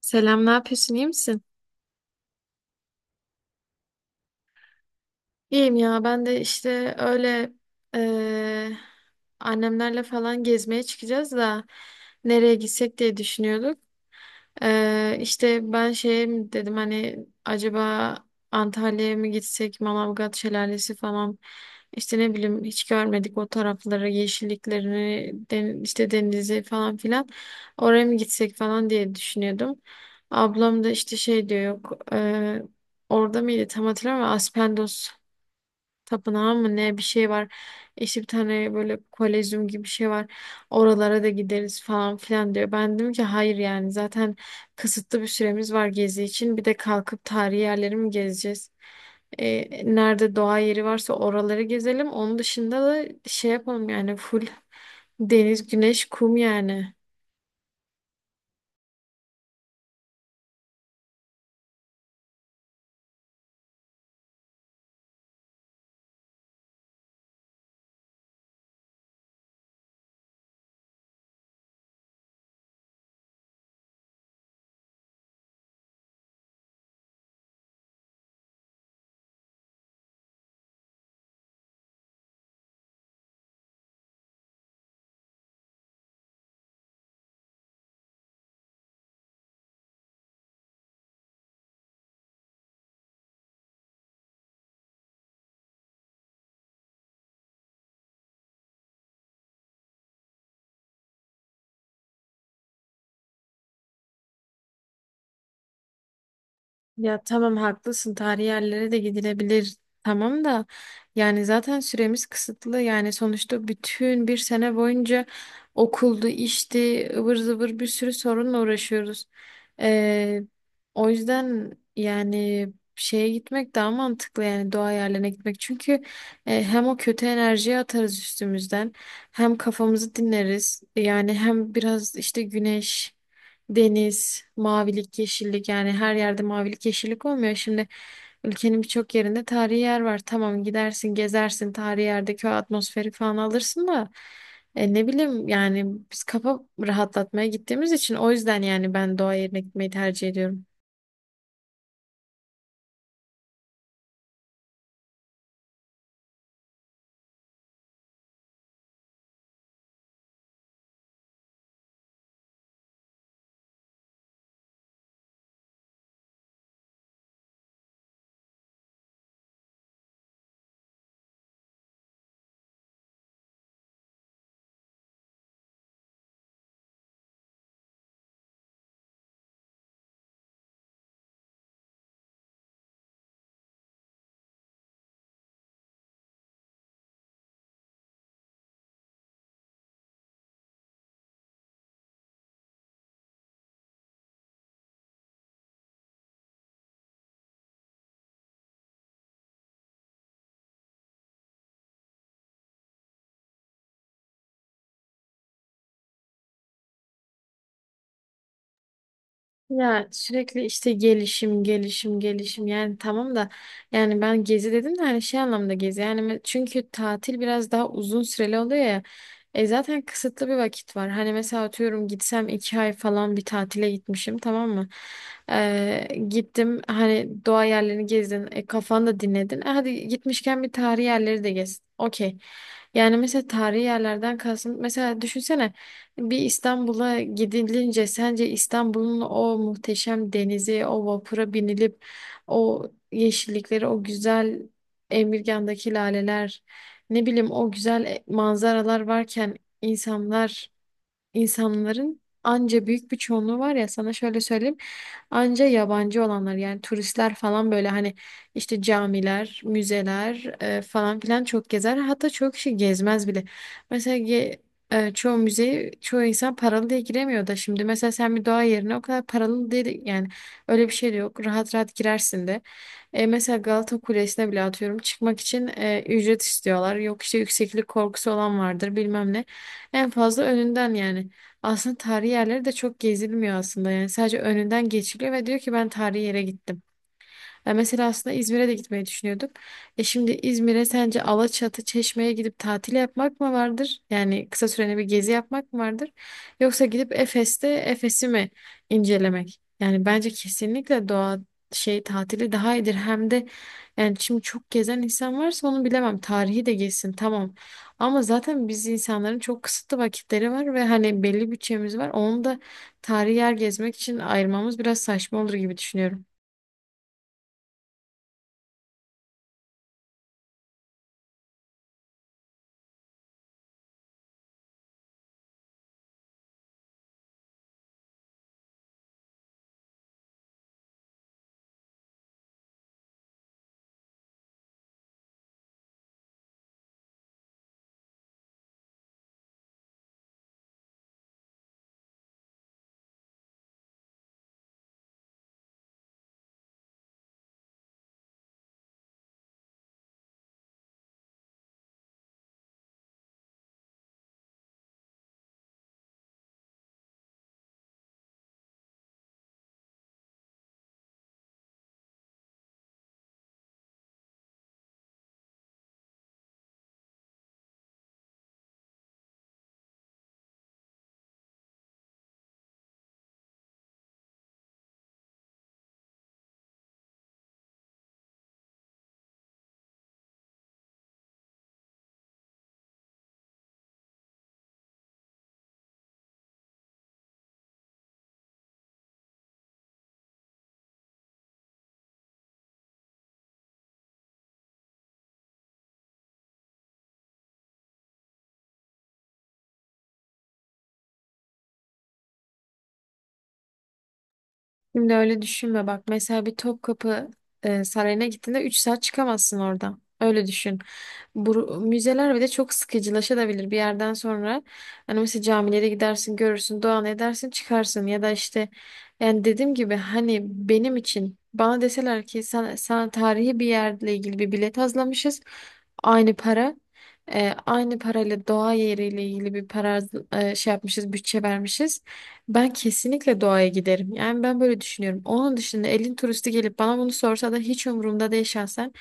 Selam, ne yapıyorsun? İyi misin? İyiyim ya ben de işte öyle eee, annemlerle falan gezmeye çıkacağız da nereye gitsek diye düşünüyorduk. İşte ben şey mi dedim hani acaba Antalya'ya mı gitsek Manavgat Şelalesi falan işte ne bileyim hiç görmedik o tarafları yeşilliklerini işte denizi falan filan oraya mı gitsek falan diye düşünüyordum. Ablam da işte şey diyor yok orada mıydı tam hatırlamıyorum ama Aspendos tapınağı mı ne bir şey var. İşte bir tane böyle kolezyum gibi bir şey var. Oralara da gideriz falan filan diyor. Ben dedim ki hayır yani zaten kısıtlı bir süremiz var gezi için. Bir de kalkıp tarihi yerleri mi gezeceğiz? E, nerede doğa yeri varsa oraları gezelim. Onun dışında da şey yapalım yani full deniz, güneş, kum yani. Ya tamam haklısın, tarihi yerlere de gidilebilir tamam da yani zaten süremiz kısıtlı yani sonuçta bütün bir sene boyunca okuldu işti ıvır zıvır bir sürü sorunla uğraşıyoruz. Ee, O yüzden yani şeye gitmek daha mantıklı yani doğa yerlerine gitmek çünkü hem o kötü enerjiyi atarız üstümüzden hem kafamızı dinleriz yani hem biraz işte güneş, Deniz, mavilik, yeşillik yani her yerde mavilik, yeşillik olmuyor. Şimdi ülkenin birçok yerinde tarihi yer var. Tamam gidersin, gezersin, tarihi yerdeki o atmosferi falan alırsın da ne bileyim yani biz kafa rahatlatmaya gittiğimiz için o yüzden yani ben doğa yerine gitmeyi tercih ediyorum. Ya sürekli işte gelişim gelişim gelişim yani tamam da yani ben gezi dedim de hani şey anlamda gezi yani çünkü tatil biraz daha uzun süreli oluyor ya zaten kısıtlı bir vakit var hani mesela atıyorum gitsem 2 ay falan bir tatile gitmişim tamam mı? Gittim hani doğa yerlerini gezdin, kafanı da dinledin. E, hadi gitmişken bir tarihi yerleri de gez, okey yani mesela tarihi yerlerden kalsın mesela düşünsene bir İstanbul'a gidilince sence İstanbul'un o muhteşem denizi, o vapura binilip o yeşillikleri, o güzel Emirgan'daki laleler, ne bileyim o güzel manzaralar varken insanlar, insanların anca büyük bir çoğunluğu var ya sana şöyle söyleyeyim. Anca yabancı olanlar yani turistler falan böyle hani işte camiler, müzeler falan filan çok gezer. Hatta çok kişi gezmez bile. Mesela çoğu müzeyi çoğu insan paralı diye giremiyor da şimdi mesela sen bir doğa yerine o kadar paralı değil yani öyle bir şey de yok. Rahat rahat girersin de. E, mesela Galata Kulesi'ne bile atıyorum çıkmak için ücret istiyorlar. Yok işte yükseklik korkusu olan vardır bilmem ne. En fazla önünden yani. Aslında tarihi yerleri de çok gezilmiyor aslında. Yani sadece önünden geçiliyor ve diyor ki ben tarihi yere gittim. Ya mesela aslında İzmir'e de gitmeyi düşünüyorduk. E şimdi İzmir'e sence Alaçatı, Çeşme'ye gidip tatil yapmak mı vardır? Yani kısa süreli bir gezi yapmak mı vardır? Yoksa gidip Efes'te Efes'i mi incelemek? Yani bence kesinlikle doğa şey tatili daha iyidir. Hem de yani şimdi çok gezen insan varsa onu bilemem. Tarihi de gezsin tamam. Ama zaten biz insanların çok kısıtlı vakitleri var ve hani belli bütçemiz var. Onu da tarihi yer gezmek için ayırmamız biraz saçma olur gibi düşünüyorum. Şimdi öyle düşünme bak. Mesela bir Topkapı Sarayı'na gittiğinde 3 saat çıkamazsın oradan. Öyle düşün. Bu, müzeler bir de çok sıkıcılaşabilir bir yerden sonra. Hani mesela camilere gidersin, görürsün, dua edersin, çıkarsın. Ya da işte yani dediğim gibi hani benim için bana deseler ki sana tarihi bir yerle ilgili bir bilet hazırlamışız. Aynı para. E, aynı parayla doğa yeriyle ilgili bir para şey yapmışız, bütçe vermişiz. Ben kesinlikle doğaya giderim. Yani ben böyle düşünüyorum. Onun dışında elin turisti gelip bana bunu sorsa da hiç umurumda değil şahsen.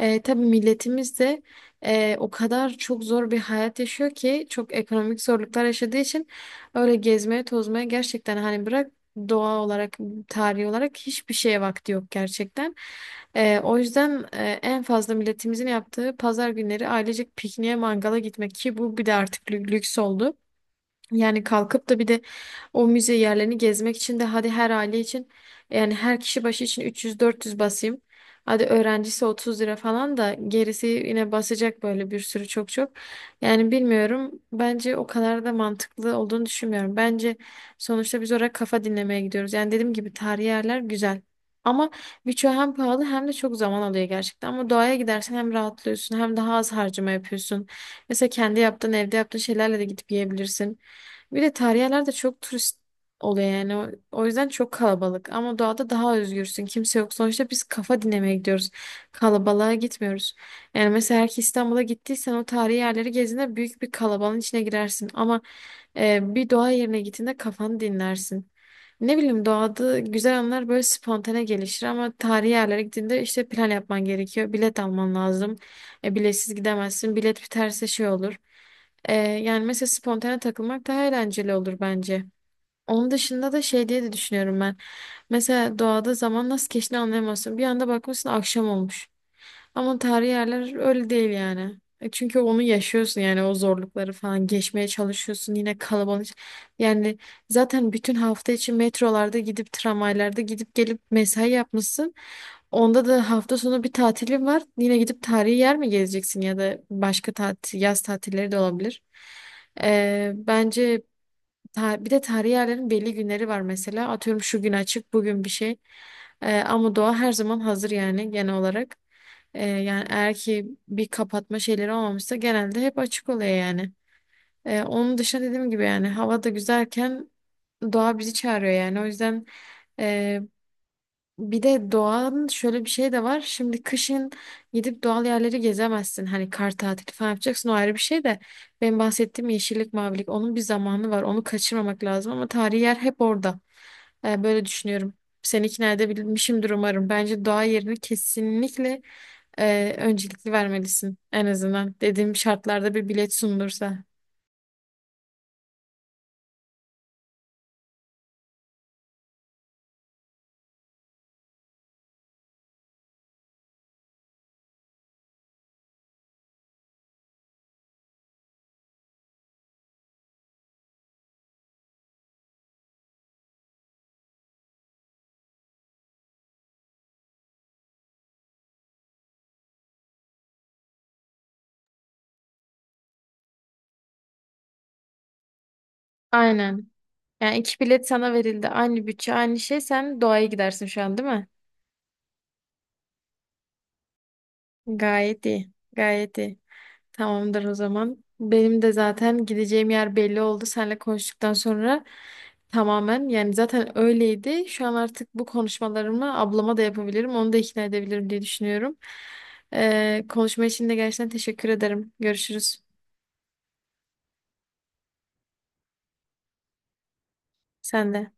Tabii milletimiz de o kadar çok zor bir hayat yaşıyor ki çok ekonomik zorluklar yaşadığı için öyle gezmeye tozmaya gerçekten hani bırak doğa olarak tarihi olarak hiçbir şeye vakti yok gerçekten. O yüzden en fazla milletimizin yaptığı pazar günleri ailecek pikniğe mangala gitmek ki bu bir de artık lüks oldu. Yani kalkıp da bir de o müze yerlerini gezmek için de hadi her aile için yani her kişi başı için 300-400 basayım. Hadi öğrencisi 30 lira falan da gerisi yine basacak böyle bir sürü çok çok. Yani bilmiyorum. Bence o kadar da mantıklı olduğunu düşünmüyorum. Bence sonuçta biz oraya kafa dinlemeye gidiyoruz. Yani dediğim gibi tarihi yerler güzel. Ama birçoğu hem pahalı hem de çok zaman alıyor gerçekten. Ama doğaya gidersen hem rahatlıyorsun hem daha az harcama yapıyorsun. Mesela kendi yaptığın, evde yaptığın şeylerle de gidip yiyebilirsin. Bir de tarihi yerlerde çok turist oluyor yani. O yüzden çok kalabalık. Ama doğada daha özgürsün. Kimse yok. Sonuçta biz kafa dinlemeye gidiyoruz. Kalabalığa gitmiyoruz. Yani mesela eğer ki İstanbul'a gittiysen o tarihi yerleri gezdiğinde büyük bir kalabalığın içine girersin. Ama bir doğa yerine gittiğinde kafanı dinlersin. Ne bileyim doğada güzel anlar böyle spontane gelişir ama tarihi yerlere gittiğinde işte plan yapman gerekiyor. Bilet alman lazım. E, biletsiz gidemezsin. Bilet biterse şey olur. Yani mesela spontane takılmak daha eğlenceli olur bence. Onun dışında da şey diye de düşünüyorum ben. Mesela doğada zaman nasıl geçtiğini anlayamazsın. Bir anda bakmışsın akşam olmuş. Ama tarihi yerler öyle değil yani. E çünkü onu yaşıyorsun yani o zorlukları falan geçmeye çalışıyorsun yine kalabalık. Yani zaten bütün hafta içi metrolarda gidip tramvaylarda gidip gelip mesai yapmışsın. Onda da hafta sonu bir tatilin var. Yine gidip tarihi yer mi gezeceksin ya da başka tatil, yaz tatilleri de olabilir. Bence bir de tarihi yerlerin belli günleri var mesela. Atıyorum şu gün açık, bugün bir şey. Ama doğa her zaman hazır yani genel olarak. Yani eğer ki bir kapatma şeyleri olmamışsa genelde hep açık oluyor yani. Onun dışında dediğim gibi yani hava da güzelken doğa bizi çağırıyor yani. O yüzden e, bir de doğanın şöyle bir şey de var. Şimdi kışın gidip doğal yerleri gezemezsin. Hani kar tatili falan yapacaksın o ayrı bir şey de. Benim bahsettiğim yeşillik, mavilik onun bir zamanı var. Onu kaçırmamak lazım ama tarihi yer hep orada. Böyle düşünüyorum. Seni ikna edebilmişimdir umarım. Bence doğa yerini kesinlikle öncelikli vermelisin. En azından dediğim şartlarda bir bilet sunulursa. Aynen. Yani iki bilet sana verildi. Aynı bütçe, aynı şey. Sen doğaya gidersin şu an değil mi? Gayet iyi. Gayet iyi. Tamamdır o zaman. Benim de zaten gideceğim yer belli oldu. Seninle konuştuktan sonra tamamen, yani zaten öyleydi. Şu an artık bu konuşmalarımı ablama da yapabilirim. Onu da ikna edebilirim diye düşünüyorum. Konuşma için de gerçekten teşekkür ederim. Görüşürüz. Sen de.